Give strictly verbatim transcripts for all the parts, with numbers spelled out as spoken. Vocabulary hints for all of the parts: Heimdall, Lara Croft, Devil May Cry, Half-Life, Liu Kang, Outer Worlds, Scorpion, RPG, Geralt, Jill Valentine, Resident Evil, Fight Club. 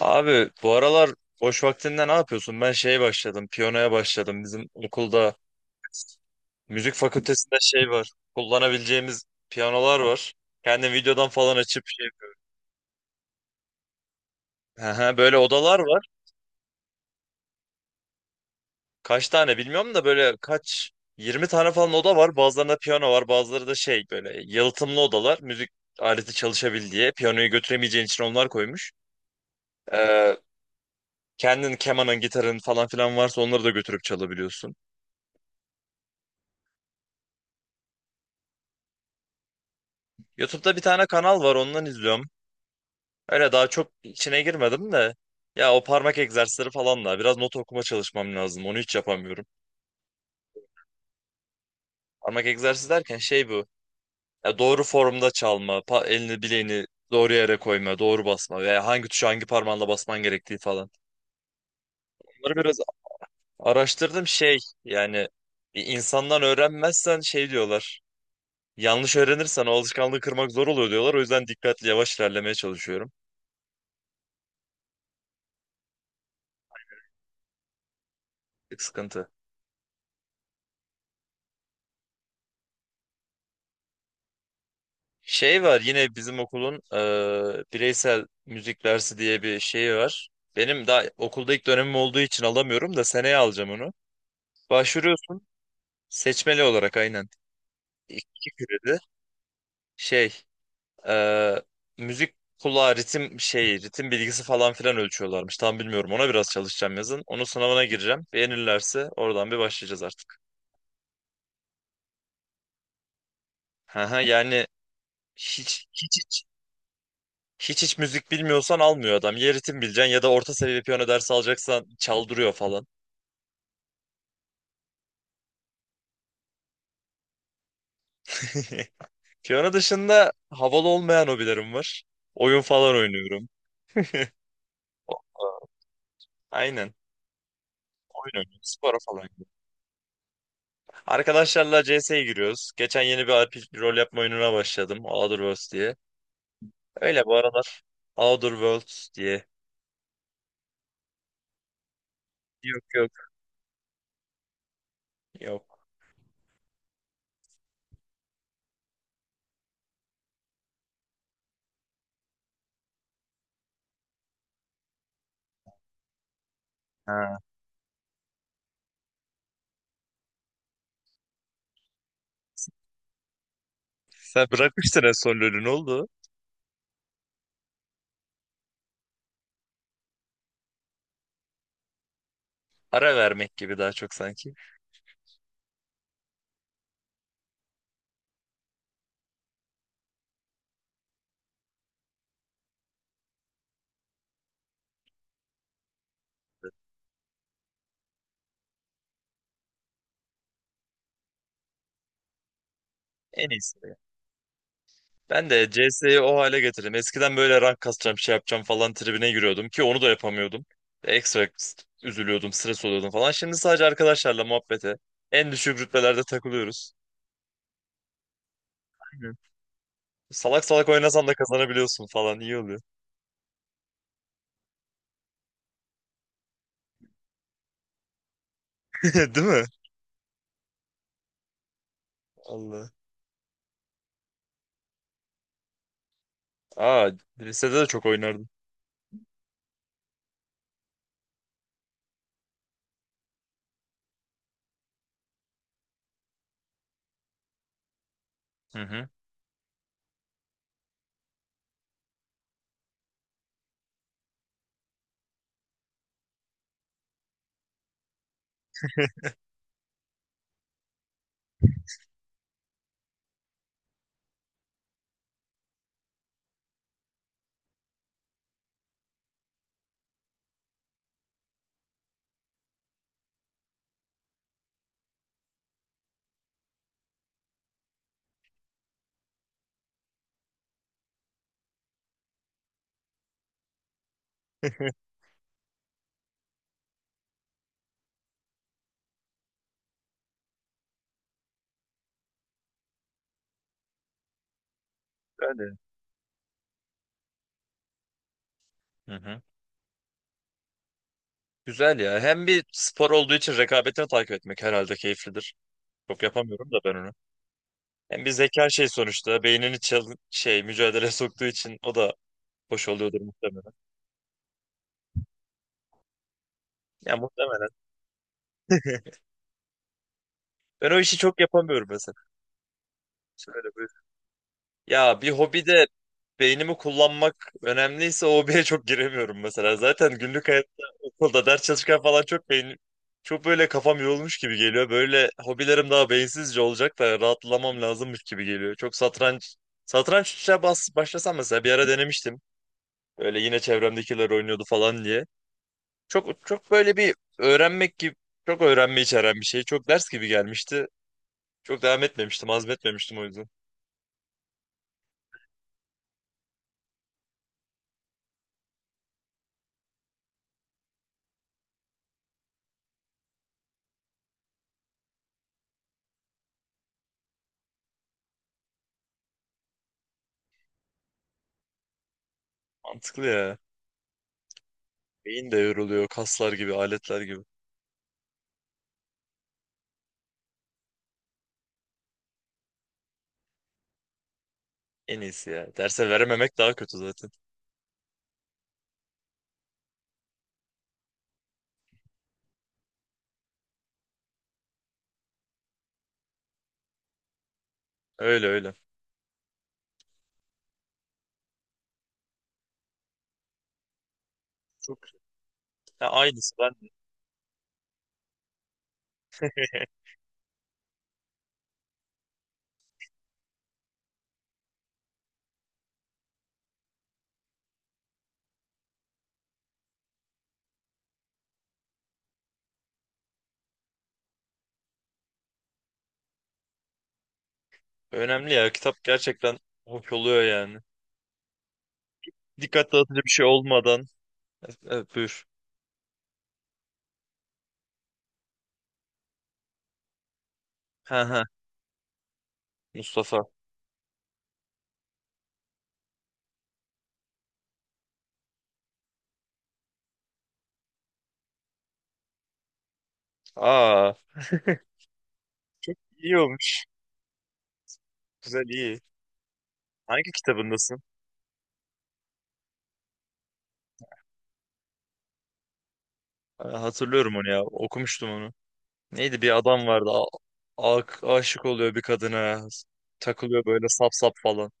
Abi bu aralar boş vaktinde ne yapıyorsun? Ben şeye başladım, piyanoya başladım. Bizim okulda müzik fakültesinde şey var. Kullanabileceğimiz piyanolar var. Kendi videodan falan açıp şey. Aha, böyle odalar var. Kaç tane bilmiyorum da böyle kaç yirmi tane falan oda var. Bazılarında piyano var, bazıları da şey böyle yalıtımlı odalar. Müzik aleti çalışabil diye. Piyanoyu götüremeyeceğin için onlar koymuş. Ee, kendin kemanın, gitarın falan filan varsa onları da götürüp çalabiliyorsun. YouTube'da bir tane kanal var, ondan izliyorum. Öyle daha çok içine girmedim de. Ya o parmak egzersizleri falan da biraz not okuma çalışmam lazım. Onu hiç yapamıyorum. Parmak egzersizi derken şey bu. Ya doğru formda çalma, pa- elini bileğini doğru yere koyma, doğru basma veya hangi tuşu hangi parmağınla basman gerektiği falan. Bunları biraz araştırdım şey Yani bir insandan öğrenmezsen şey diyorlar. Yanlış öğrenirsen o alışkanlığı kırmak zor oluyor diyorlar. O yüzden dikkatli yavaş ilerlemeye çalışıyorum. Bir sıkıntı. Şey var yine bizim okulun e, bireysel müzik dersi diye bir şeyi var. Benim daha okulda ilk dönemim olduğu için alamıyorum da seneye alacağım onu. Başvuruyorsun seçmeli olarak aynen. İki kredi. Şey e, müzik kulağı ritim şey ritim bilgisi falan filan ölçüyorlarmış. Tam bilmiyorum ona biraz çalışacağım yazın. Onun sınavına gireceğim. Beğenirlerse oradan bir başlayacağız artık. Hı hı, Yani hiç hiç hiç Hiç hiç müzik bilmiyorsan almıyor adam. Ya ritim bileceksin ya da orta seviye piyano dersi alacaksan çaldırıyor falan. Piyano dışında havalı olmayan hobilerim var. Oyun falan oynuyorum. O- Aynen. Oyun oynuyorum. Spora falan gidiyorum. Arkadaşlarla C S'ye giriyoruz. Geçen yeni bir R P G rol yapma oyununa başladım. Outer Worlds diye. Öyle bu aralar. Outer Worlds diye. Yok, yok. Yok. Ha. Sen bırakmıştın en son LoL'ü, ne oldu? Ara vermek gibi daha çok sanki. En iyisi. Ben de C S'yi o hale getirdim. Eskiden böyle rank kasacağım, şey yapacağım falan tribine giriyordum ki onu da yapamıyordum. Ekstra üzülüyordum, stres oluyordum falan. Şimdi sadece arkadaşlarla muhabbete, en düşük rütbelerde takılıyoruz. Aynen. Salak salak oynasan da kazanabiliyorsun falan, iyi oluyor. Değil mi? Allah. Aa, lisede de çok oynardım. Hı hı. Yani. Hı hı. Güzel ya. Hem bir spor olduğu için rekabetini takip etmek herhalde keyiflidir. Çok yapamıyorum da ben onu. Hem bir zeka şey sonuçta. Beynini çal- şey mücadele soktuğu için o da hoş oluyordur muhtemelen. Ya muhtemelen. Ben o işi çok yapamıyorum mesela. Şöyle Ya bir hobide beynimi kullanmak önemliyse o hobiye çok giremiyorum mesela. Zaten günlük hayatta okulda ders çalışırken falan çok beyin çok böyle kafam yorulmuş gibi geliyor. Böyle hobilerim daha beyinsizce olacak da rahatlamam lazımmış gibi geliyor. Çok satranç satrançla bas, başlasam mesela bir ara denemiştim. Böyle yine çevremdekiler oynuyordu falan diye. Çok çok böyle bir öğrenmek gibi çok öğrenme içeren bir şey. Çok ders gibi gelmişti. Çok devam etmemiştim, azmetmemiştim o yüzden. Mantıklı ya. Beyin de yoruluyor, kaslar gibi, aletler gibi. En iyisi ya. Derse verememek daha kötü zaten. Öyle öyle. Çok ya, aynısı ben de. Önemli ya, kitap gerçekten hoş oluyor yani. Dikkat dağıtıcı bir şey olmadan. Evet, buyur. Ha ha. Mustafa. Aa, iyi olmuş. Güzel, iyi. Hangi kitabındasın? Ha, hatırlıyorum onu ya. Okumuştum onu. Neydi, bir adam vardı. A a- aşık oluyor bir kadına. Takılıyor böyle sap sap falan.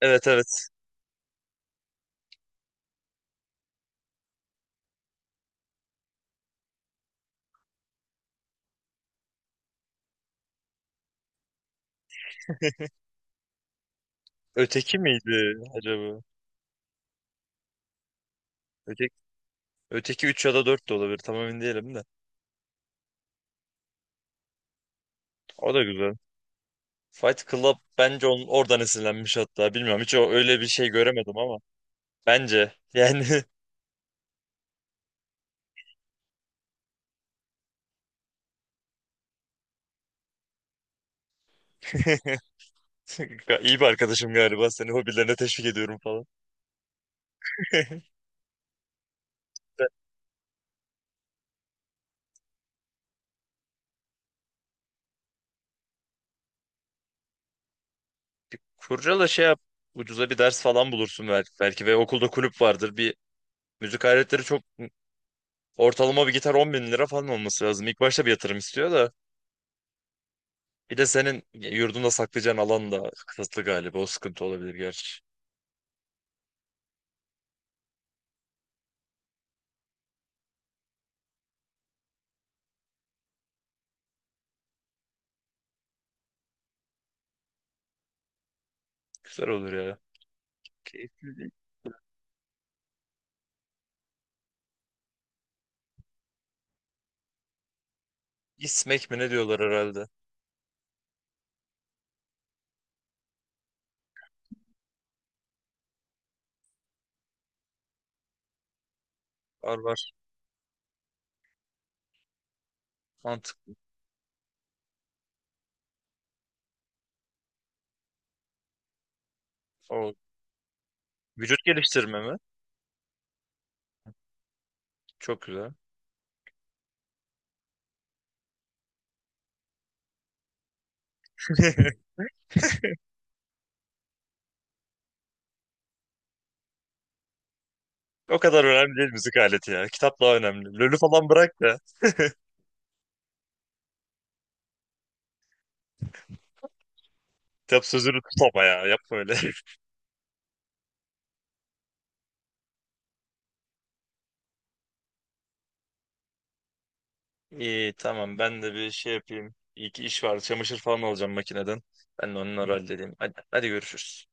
Evet, evet. Öteki miydi acaba? öteki Öteki üç ya da dört de olabilir. Tam emin değilim de. O da güzel. Fight Club bence onun oradan esinlenmiş hatta. Bilmiyorum, hiç o- öyle bir şey göremedim ama. Bence yani. iyi bir arkadaşım galiba. Seni hobilerine teşvik ediyorum falan. Kurcala, şey yap. Ucuza bir ders falan bulursun belki. Belki ve okulda kulüp vardır. Bir müzik aletleri çok, ortalama bir gitar on bin lira falan olması lazım. İlk başta bir yatırım istiyor da. Bir de senin yurdunda saklayacağın alan da kısıtlı galiba. O sıkıntı olabilir gerçi. Güzel olur ya. Keyifli. İsmek mi ne diyorlar herhalde. Var, var. Mantık. O. Vücut geliştirme mi? Çok güzel. O kadar önemli değil müzik aleti ya. Kitap daha önemli. Lölü falan bırak da. Kitap sözünü tutma ya. Yapma öyle. İyi, tamam, ben de bir şey yapayım. İyi ki iş var. Çamaşır falan alacağım makineden. Ben de onları halledeyim. Hadi, hadi, görüşürüz.